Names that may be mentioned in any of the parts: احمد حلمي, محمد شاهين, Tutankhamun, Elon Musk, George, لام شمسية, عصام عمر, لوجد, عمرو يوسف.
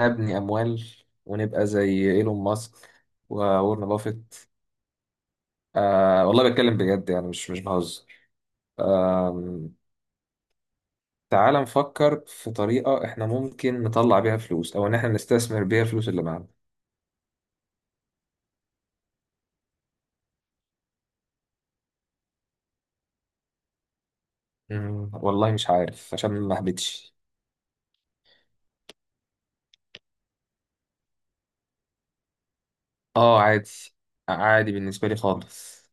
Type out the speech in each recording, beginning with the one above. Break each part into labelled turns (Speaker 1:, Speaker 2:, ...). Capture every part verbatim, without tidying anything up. Speaker 1: هبني أموال ونبقى زي إيلون ماسك وورن بافيت. آه والله بتكلم بجد، يعني مش مش بهزر. آه. تعال نفكر في طريقة إحنا ممكن نطلع بيها فلوس، أو إن إحنا نستثمر بيها الفلوس اللي معانا. مم، والله مش عارف عشان ما أهبطش. آه عادي. آه، عادي بالنسبة لي خالص.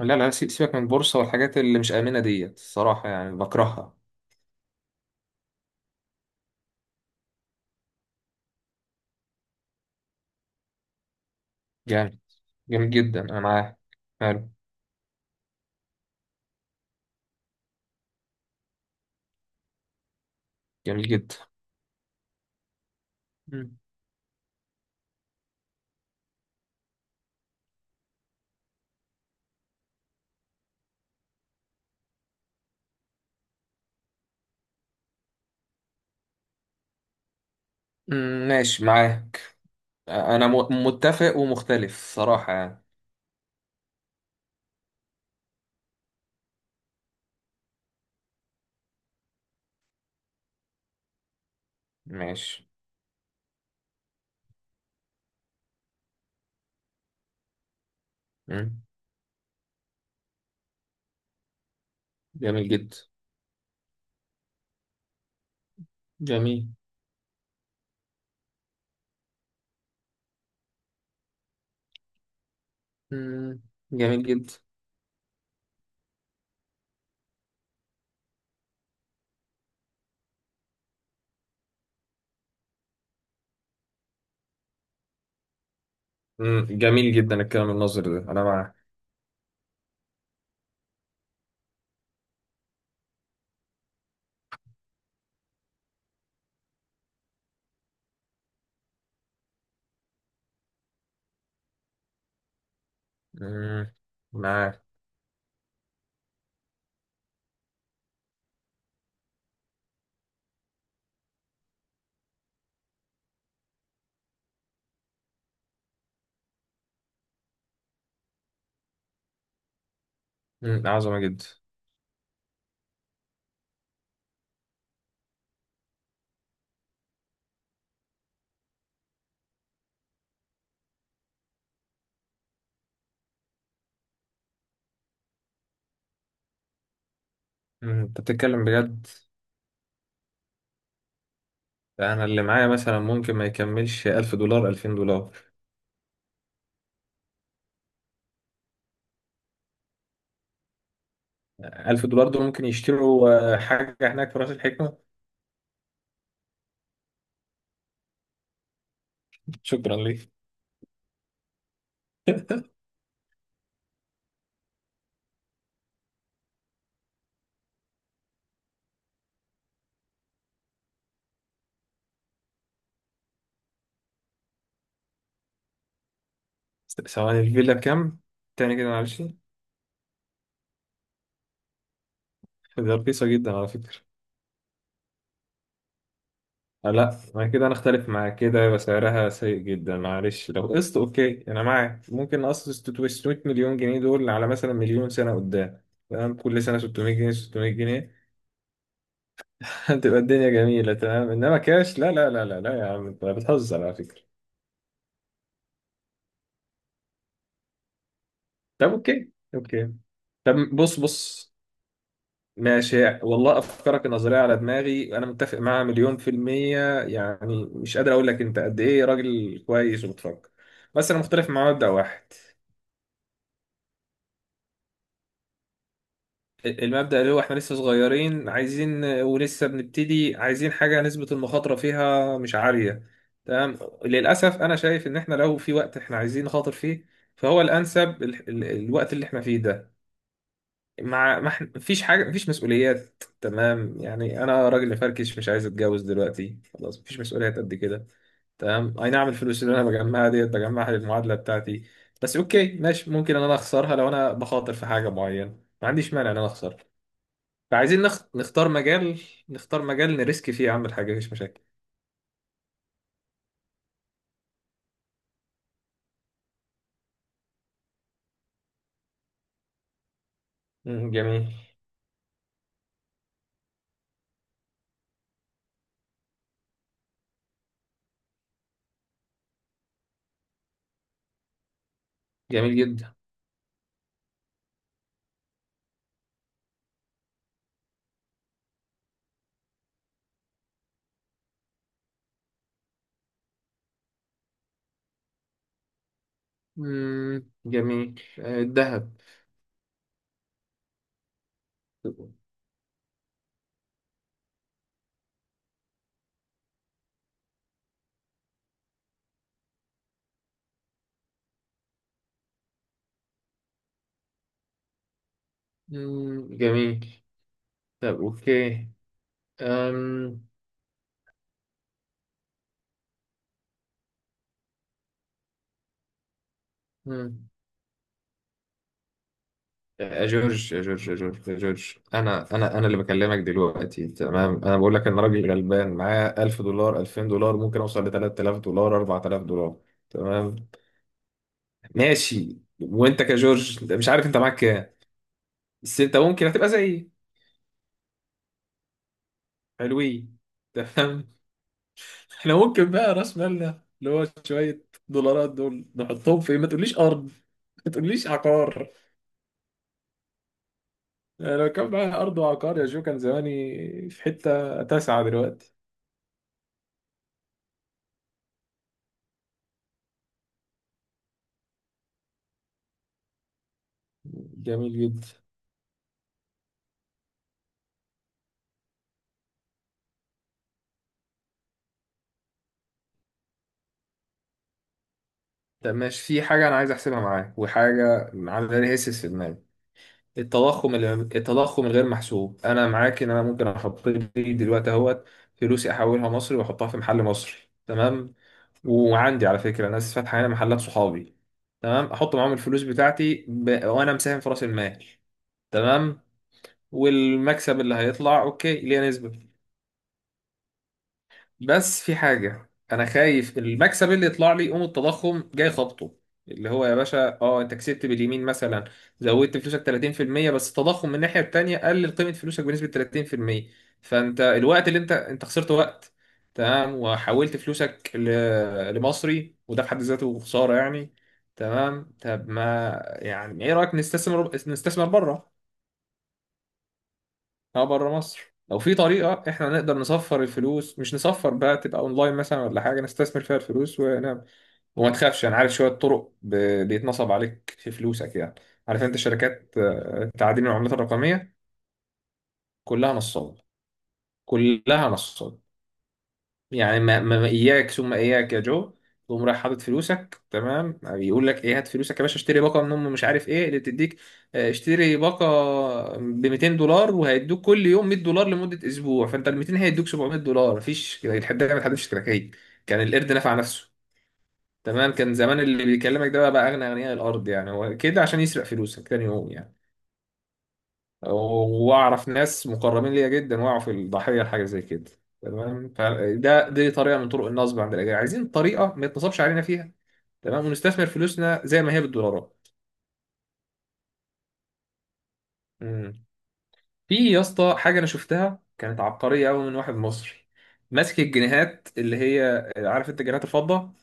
Speaker 1: لا لا سي- سيبك من البورصة والحاجات اللي مش آمنة ديت، الصراحة يعني بكرهها. جامد. جميل جدا أنا معاه. حلو. جميل جدا. مم. مم، ماشي معاك. انا م- متفق ومختلف صراحة يعني. ماشي. مم. جميل جدا. جميل. مم. جميل جدا. مم. جميل جدا الكلام النظري ده انا معاه. مم. معاه. مم. عظمة جدا. مم. انت بتتكلم بجد. انا اللي معايا مثلا ممكن ما يكملش ألف دولار ألفين دولار. ألف دولار دول ممكن يشتروا آه، حاجة هناك في راس الحكمة. شكرا ليك. ثواني، الفيلا بكام؟ تاني كده معلش. ده رخيصة جدا على فكرة. لا ما كده انا اختلف معاك، كده يبقى سعرها سيء جدا. معلش لو قسط اوكي انا معاك، ممكن اقسط ستمية مليون جنيه دول على مثلا مليون سنه قدام. تمام، كل سنه ستمائة جنيه ستمائة جنيه. هتبقى الدنيا جميله. تمام، انما كاش؟ لا لا لا لا لا، يا عم انت بتهزر على فكره. طب اوكي اوكي. طب بص بص. ماشي، والله افكارك النظريه على دماغي، انا متفق معاها مليون في الميه. يعني مش قادر اقول لك انت قد ايه راجل كويس وبتفكر. بس انا مختلف مع مبدأ واحد. المبدأ اللي هو احنا لسه صغيرين، عايزين، ولسه بنبتدي عايزين حاجة نسبة المخاطرة فيها مش عالية. تمام. للأسف أنا شايف إن احنا لو في وقت احنا عايزين نخاطر فيه، فهو الأنسب ال ال الوقت اللي احنا فيه ده. مع ما احنا- مفيش حاجة، مفيش مسؤوليات. تمام يعني، أنا راجل فركش مش عايز أتجوز دلوقتي، خلاص مفيش مسؤوليات قد كده. تمام، أي نعم الفلوس اللي أنا بجمعها ديت بجمعها للمعادلة بتاعتي. بس أوكي ماشي، ممكن إن أنا أخسرها لو أنا بخاطر في حاجة معينة، ما عنديش مانع إن أنا أخسر. فعايزين نخ... نختار مجال. نختار مجال نريسك فيه، اعمل حاجه مفيش مشاكل. مم، جميل. جميل جدا. مم، جميل آه، الذهب. مم، جميل. طب اوكي. أم... مم. يا جورج يا جورج يا جورج يا جورج، انا انا انا اللي بكلمك دلوقتي. تمام، انا بقول لك ان راجل غلبان معاه ألف دولار ألفين دولار، ممكن اوصل ل تلات آلاف دولار أربعة آلاف دولار. تمام. ماشي، وانت كجورج مش عارف انت معاك كام. بس انت ممكن هتبقى زيي. حلوين. تمام. احنا ممكن بقى راس مالنا اللي هو شوية دولارات دول نحطهم في، ما تقوليش أرض، ما تقوليش عقار. أنا لو كان معايا أرض وعقار يا جو كان زماني في حتة تاسعة دلوقتي. جميل جدا. طب ماشي، في حاجة أنا عايز أحسبها معاك وحاجة عاملة لي هيسس في دماغي. التضخم ال- التضخم الغير محسوب. أنا معاك إن أنا ممكن أحط لي دلوقتي أهوت فلوسي أحولها مصري وأحطها في محل مصري. تمام. وعندي على فكره ناس فاتحه هنا محلات، صحابي. تمام، احط معاهم الفلوس بتاعتي ب... وانا مساهم في راس المال. تمام. والمكسب اللي هيطلع اوكي ليه نسبه. بس في حاجة أنا خايف، المكسب اللي يطلع لي يقوم التضخم جاي خبطه. اللي هو يا باشا، أه أنت كسبت باليمين مثلا، زودت فلوسك تلاتين في المية، بس التضخم من الناحية التانية قلل قيمة فلوسك بنسبة تلاتين في المية. فأنت الوقت اللي أنت أنت خسرت وقت. تمام، وحولت فلوسك ل... لمصري، وده في حد ذاته خسارة يعني. تمام طب ما، يعني إيه رأيك نستثمر، نستثمر بره. اه بره مصر. لو في طريقة احنا نقدر نصفر الفلوس، مش نصفر بقى، تبقى اونلاين مثلا ولا حاجة نستثمر فيها الفلوس ونعمل. وما تخافش انا عارف شوية طرق ب... بيتنصب عليك في فلوسك يعني. عارف انت شركات آه، تعدين العملات الرقمية؟ كلها نصاب. كلها نصاب. يعني ما, ما ما اياك ثم اياك يا جو، تقوم رايح حاطط فلوسك، تمام، بيقول لك ايه هات فلوسك يا باشا اشتري باقه من ام مش عارف ايه اللي بتديك آه، اشتري باقه ب ميتين دولار وهيدوك كل يوم مية دولار لمده اسبوع، فانت ال ميتين هيدوك سبعمائة دولار. مفيش الحد ده، ما اتحدش كراكيب، كان القرد نفع نفسه. تمام، كان زمان اللي بيكلمك ده بقى, بقى اغنى اغنياء الارض يعني، هو كده عشان يسرق فلوسك تاني يوم يعني. واعرف ناس مقربين ليا جدا وقعوا في الضحيه لحاجه زي كده. تمام، فده دي طريقه من طرق النصب عند الاجانب، عايزين طريقه ما يتنصبش علينا فيها. تمام، ونستثمر فلوسنا زي ما هي بالدولارات. امم. في يا اسطى حاجه انا شفتها كانت عبقريه قوي من واحد مصري. ماسك الجنيهات اللي هي عارف انت جنيهات الفضه،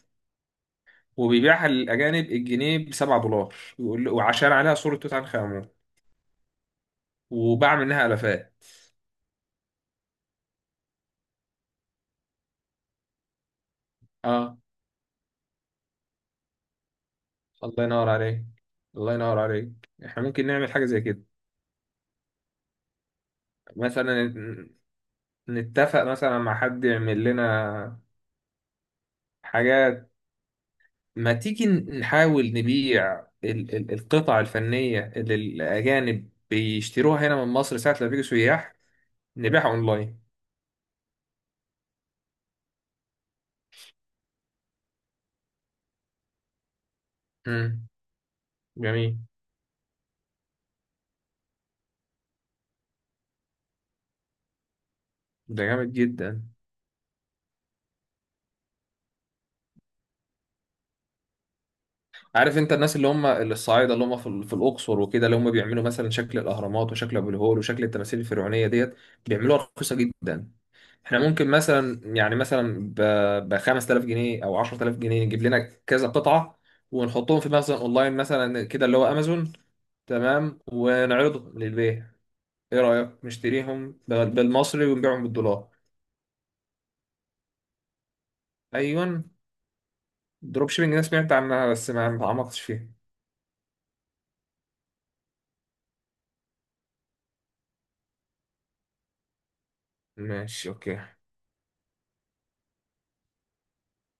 Speaker 1: وبيبيعها للاجانب الجنيه ب سبعة دولار ويقول له- وعشان عليها صوره توت عنخ امون، وباع منها الافات. اه. الله ينور عليك. الله ينور عليك. احنا ممكن نعمل حاجه زي كده. مثلا نتفق مثلا مع حد يعمل لنا حاجات. ما تيجي نحاول نبيع ال- ال- القطع الفنية اللي الأجانب بيشتروها هنا من مصر ساعة لما بيجوا سياح، نبيعها أونلاين. امم. جميل. ده جامد جدا. عارف انت الناس اللي هم الصعايدة اللي هم في ال- في الأقصر وكده، اللي هم بيعملوا مثلا شكل الأهرامات وشكل أبو الهول وشكل التماثيل الفرعونية ديت، بيعملوها رخيصة جدا. احنا ممكن مثلا، يعني مثلا ب خمسة آلاف جنيه او عشرة آلاف جنيه نجيب لنا كذا قطعة، ونحطهم في مثلا اونلاين مثلا كده اللي هو امازون. تمام، ونعرضهم للبيع. ايه رأيك نشتريهم ب- بالمصري ونبيعهم بالدولار. ايوه، دروب شيبنج انا سمعت عنها بس ما ما تعمقتش فيها. ماشي اوكي.